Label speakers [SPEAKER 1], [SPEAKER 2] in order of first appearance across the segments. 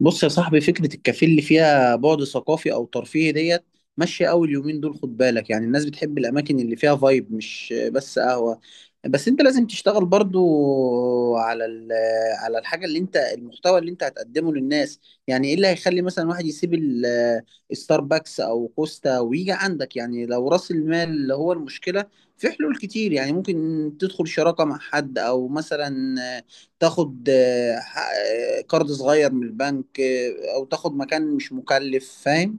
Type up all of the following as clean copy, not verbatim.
[SPEAKER 1] بص يا صاحبي، فكرة الكافيه اللي فيها بعد ثقافي أو ترفيهي ديت ماشية أوي اليومين دول. خد بالك، يعني الناس بتحب الأماكن اللي فيها فايب مش بس قهوة. بس أنت لازم تشتغل برضو على ال- على الحاجة اللي أنت المحتوى اللي أنت هتقدمه للناس. يعني إيه اللي هيخلي مثلا واحد يسيب الستاربكس أو كوستا ويجي عندك؟ يعني لو رأس المال اللي هو المشكلة، في حلول كتير يعني. ممكن تدخل شراكة مع حد، أو مثلا تاخد قرض صغير من البنك، او تاخد مكان مش مكلف، فاهم؟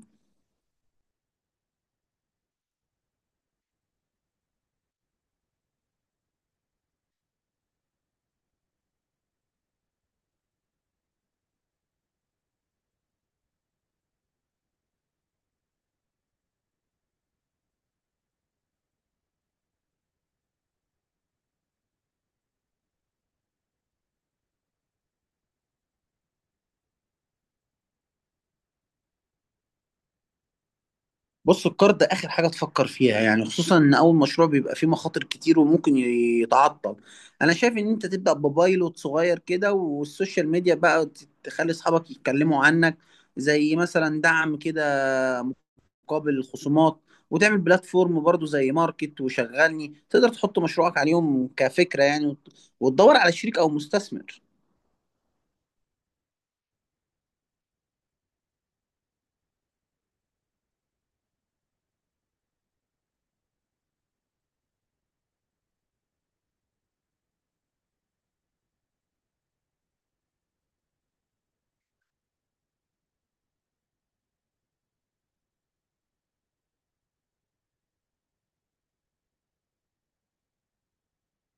[SPEAKER 1] بص، القرض ده اخر حاجه تفكر فيها، يعني خصوصا ان اول مشروع بيبقى فيه مخاطر كتير وممكن يتعطل. انا شايف ان انت تبدا ببايلوت صغير كده، والسوشيال ميديا بقى تخلي اصحابك يتكلموا عنك، زي مثلا دعم كده مقابل الخصومات. وتعمل بلاتفورم برضو زي ماركت وشغلني، تقدر تحط مشروعك عليهم كفكره يعني، وتدور على شريك او مستثمر.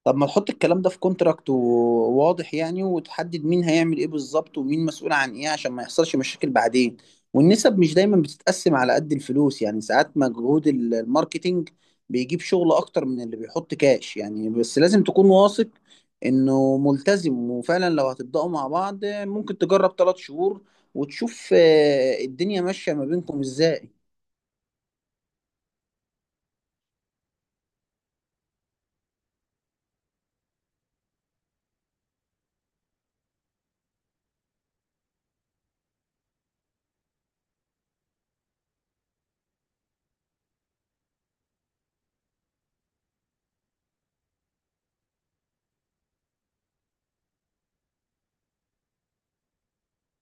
[SPEAKER 1] طب ما تحط الكلام ده في كونتراكت وواضح يعني، وتحدد مين هيعمل ايه بالظبط ومين مسؤول عن ايه عشان ما يحصلش مشاكل بعدين. والنسب مش دايما بتتقسم على قد الفلوس، يعني ساعات مجهود الماركتينج بيجيب شغل اكتر من اللي بيحط كاش يعني. بس لازم تكون واثق انه ملتزم، وفعلا لو هتبدأوا مع بعض ممكن تجرب 3 شهور وتشوف الدنيا ماشية ما بينكم ازاي.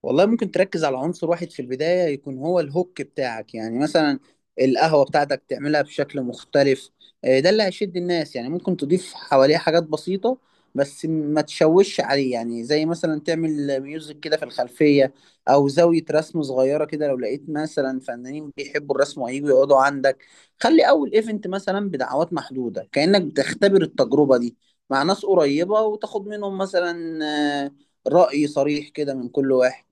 [SPEAKER 1] والله ممكن تركز على عنصر واحد في البداية، يكون هو الهوك بتاعك يعني. مثلا القهوة بتاعتك تعملها بشكل مختلف، ده اللي هيشد الناس يعني. ممكن تضيف حواليه حاجات بسيطة بس ما تشوش عليه، يعني زي مثلا تعمل ميوزك كده في الخلفية، أو زاوية رسم صغيرة كده لو لقيت مثلا فنانين بيحبوا الرسم وهيجوا يقعدوا عندك. خلي أول إيفنت مثلا بدعوات محدودة كأنك بتختبر التجربة دي مع ناس قريبة، وتاخد منهم مثلا آه، رأي صريح كده من كل واحد.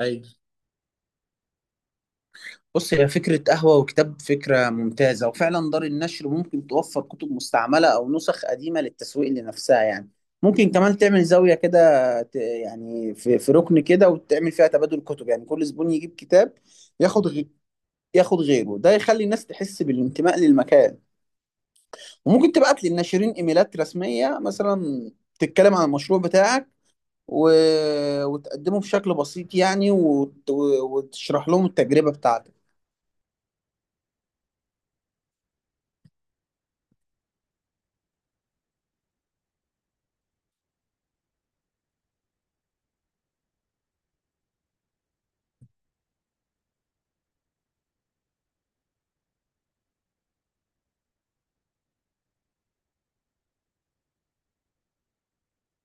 [SPEAKER 1] ايوه. بص، هي فكرة قهوة وكتاب فكرة ممتازة، وفعلا دار النشر ممكن توفر كتب مستعملة أو نسخ قديمة للتسويق لنفسها يعني. ممكن كمان تعمل زاوية كده، يعني في ركن كده، وتعمل فيها تبادل كتب، يعني كل زبون يجيب كتاب ياخد غي... ياخد غيره، ده يخلي الناس تحس بالانتماء للمكان. وممكن تبعت للناشرين إيميلات رسمية مثلا، تتكلم عن المشروع بتاعك و... وتقدمه بشكل بسيط يعني، وتشرح لهم التجربة بتاعتك.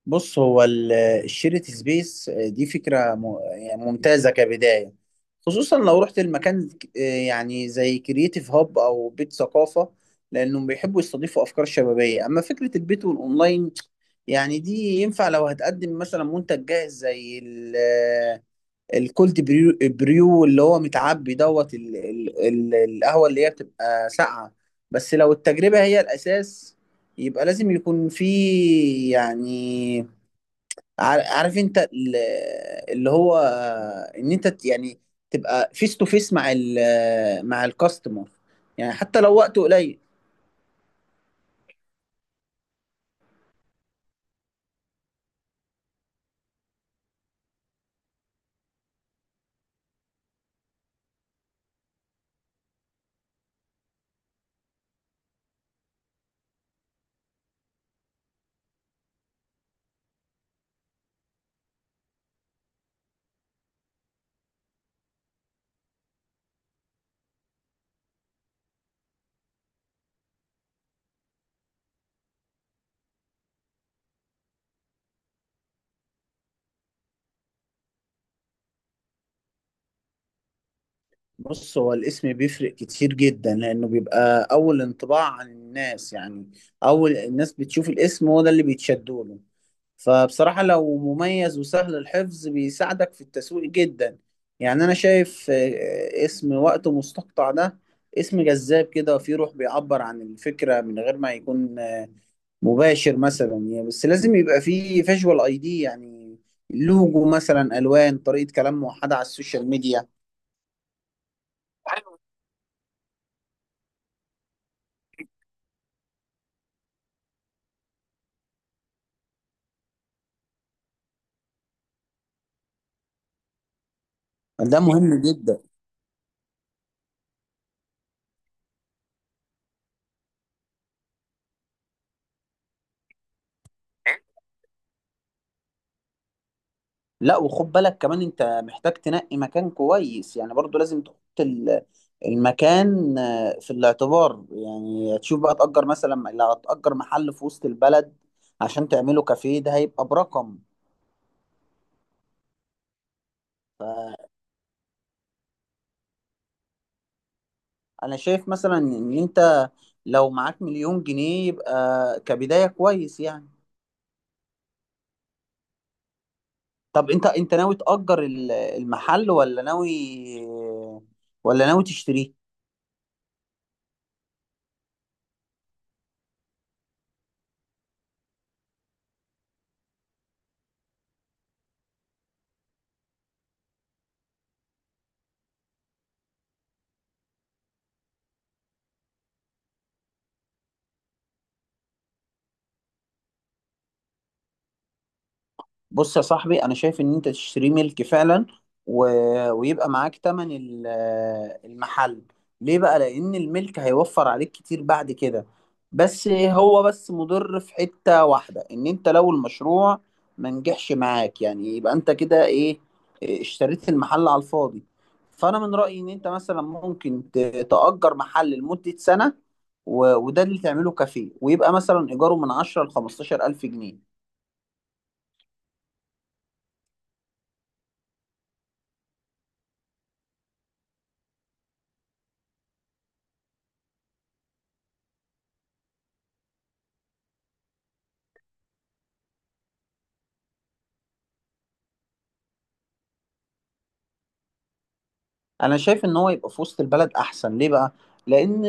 [SPEAKER 1] بص، هو الشيرت سبيس دي فكرة يعني ممتازة كبداية. خصوصا لو رحت المكان يعني زي كرييتيف هاب أو بيت ثقافة، لأنهم بيحبوا يستضيفوا أفكار شبابية. أما فكرة البيت والأونلاين، يعني دي ينفع لو هتقدم مثلا منتج جاهز زي الكولد بريو اللي هو متعبي دوت القهوة اللي هي بتبقى ساقعة. بس لو التجربة هي الأساس يبقى لازم يكون في، يعني عارف انت اللي هو ان انت يعني تبقى فيس تو فيس مع الكاستمر، يعني حتى لو وقته قليل. بص، هو الاسم بيفرق كتير جدا، لانه بيبقى اول انطباع عن الناس يعني. اول الناس بتشوف الاسم هو ده اللي بيتشدوا له. فبصراحة لو مميز وسهل الحفظ بيساعدك في التسويق جدا، يعني انا شايف اسم وقته مستقطع ده اسم جذاب كده وفيه روح بيعبر عن الفكرة من غير ما يكون مباشر مثلا يعني. بس لازم يبقى فيه فيجوال اي دي يعني، لوجو مثلا، الوان، طريقه كلام موحده على السوشيال ميديا. ده مهم جدا. لا، وخد بالك كمان انت محتاج تنقي مكان كويس يعني، برضو لازم تحط المكان في الاعتبار يعني. تشوف بقى تأجر مثلا، لو هتأجر محل في وسط البلد عشان تعمله كافيه ده هيبقى برقم. انا شايف مثلا ان انت لو معاك مليون جنيه يبقى كبداية كويس يعني. طب انت ناوي تأجر المحل ولا ناوي، ولا ناوي تشتريه؟ بص يا صاحبي، انا شايف ان انت تشتري ملك فعلا، و... ويبقى معاك تمن المحل. ليه بقى؟ لان الملك هيوفر عليك كتير بعد كده. بس هو بس مضر في حتة واحدة، ان انت لو المشروع ما نجحش معاك، يعني يبقى انت كده ايه، اشتريت المحل على الفاضي. فانا من رأيي ان انت مثلا ممكن تأجر محل لمدة سنة، وده اللي تعمله كافيه، ويبقى مثلا ايجاره من 10 ل 15 الف جنيه. انا شايف ان هو يبقى في وسط البلد احسن. ليه بقى؟ لان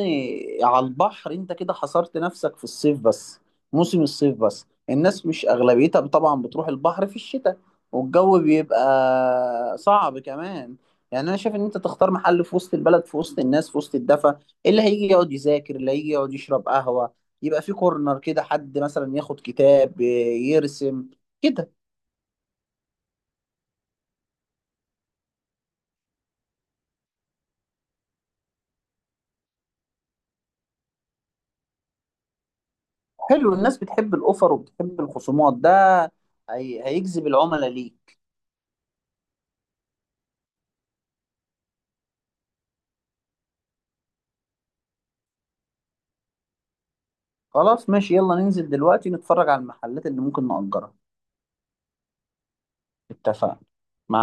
[SPEAKER 1] على البحر انت كده حصرت نفسك في الصيف بس، موسم الصيف بس. الناس مش اغلبيتها طبعا بتروح البحر في الشتاء، والجو بيبقى صعب كمان. يعني انا شايف ان انت تختار محل في وسط البلد، في وسط الناس، في وسط الدفا. اللي هيجي يقعد يذاكر، اللي هيجي يقعد يشرب قهوة، يبقى في كورنر كده حد مثلا ياخد كتاب يرسم كده. حلو، الناس بتحب الاوفر وبتحب الخصومات، ده هيجذب العملاء ليك. خلاص ماشي، يلا ننزل دلوقتي نتفرج على المحلات اللي ممكن نأجرها. اتفقنا مع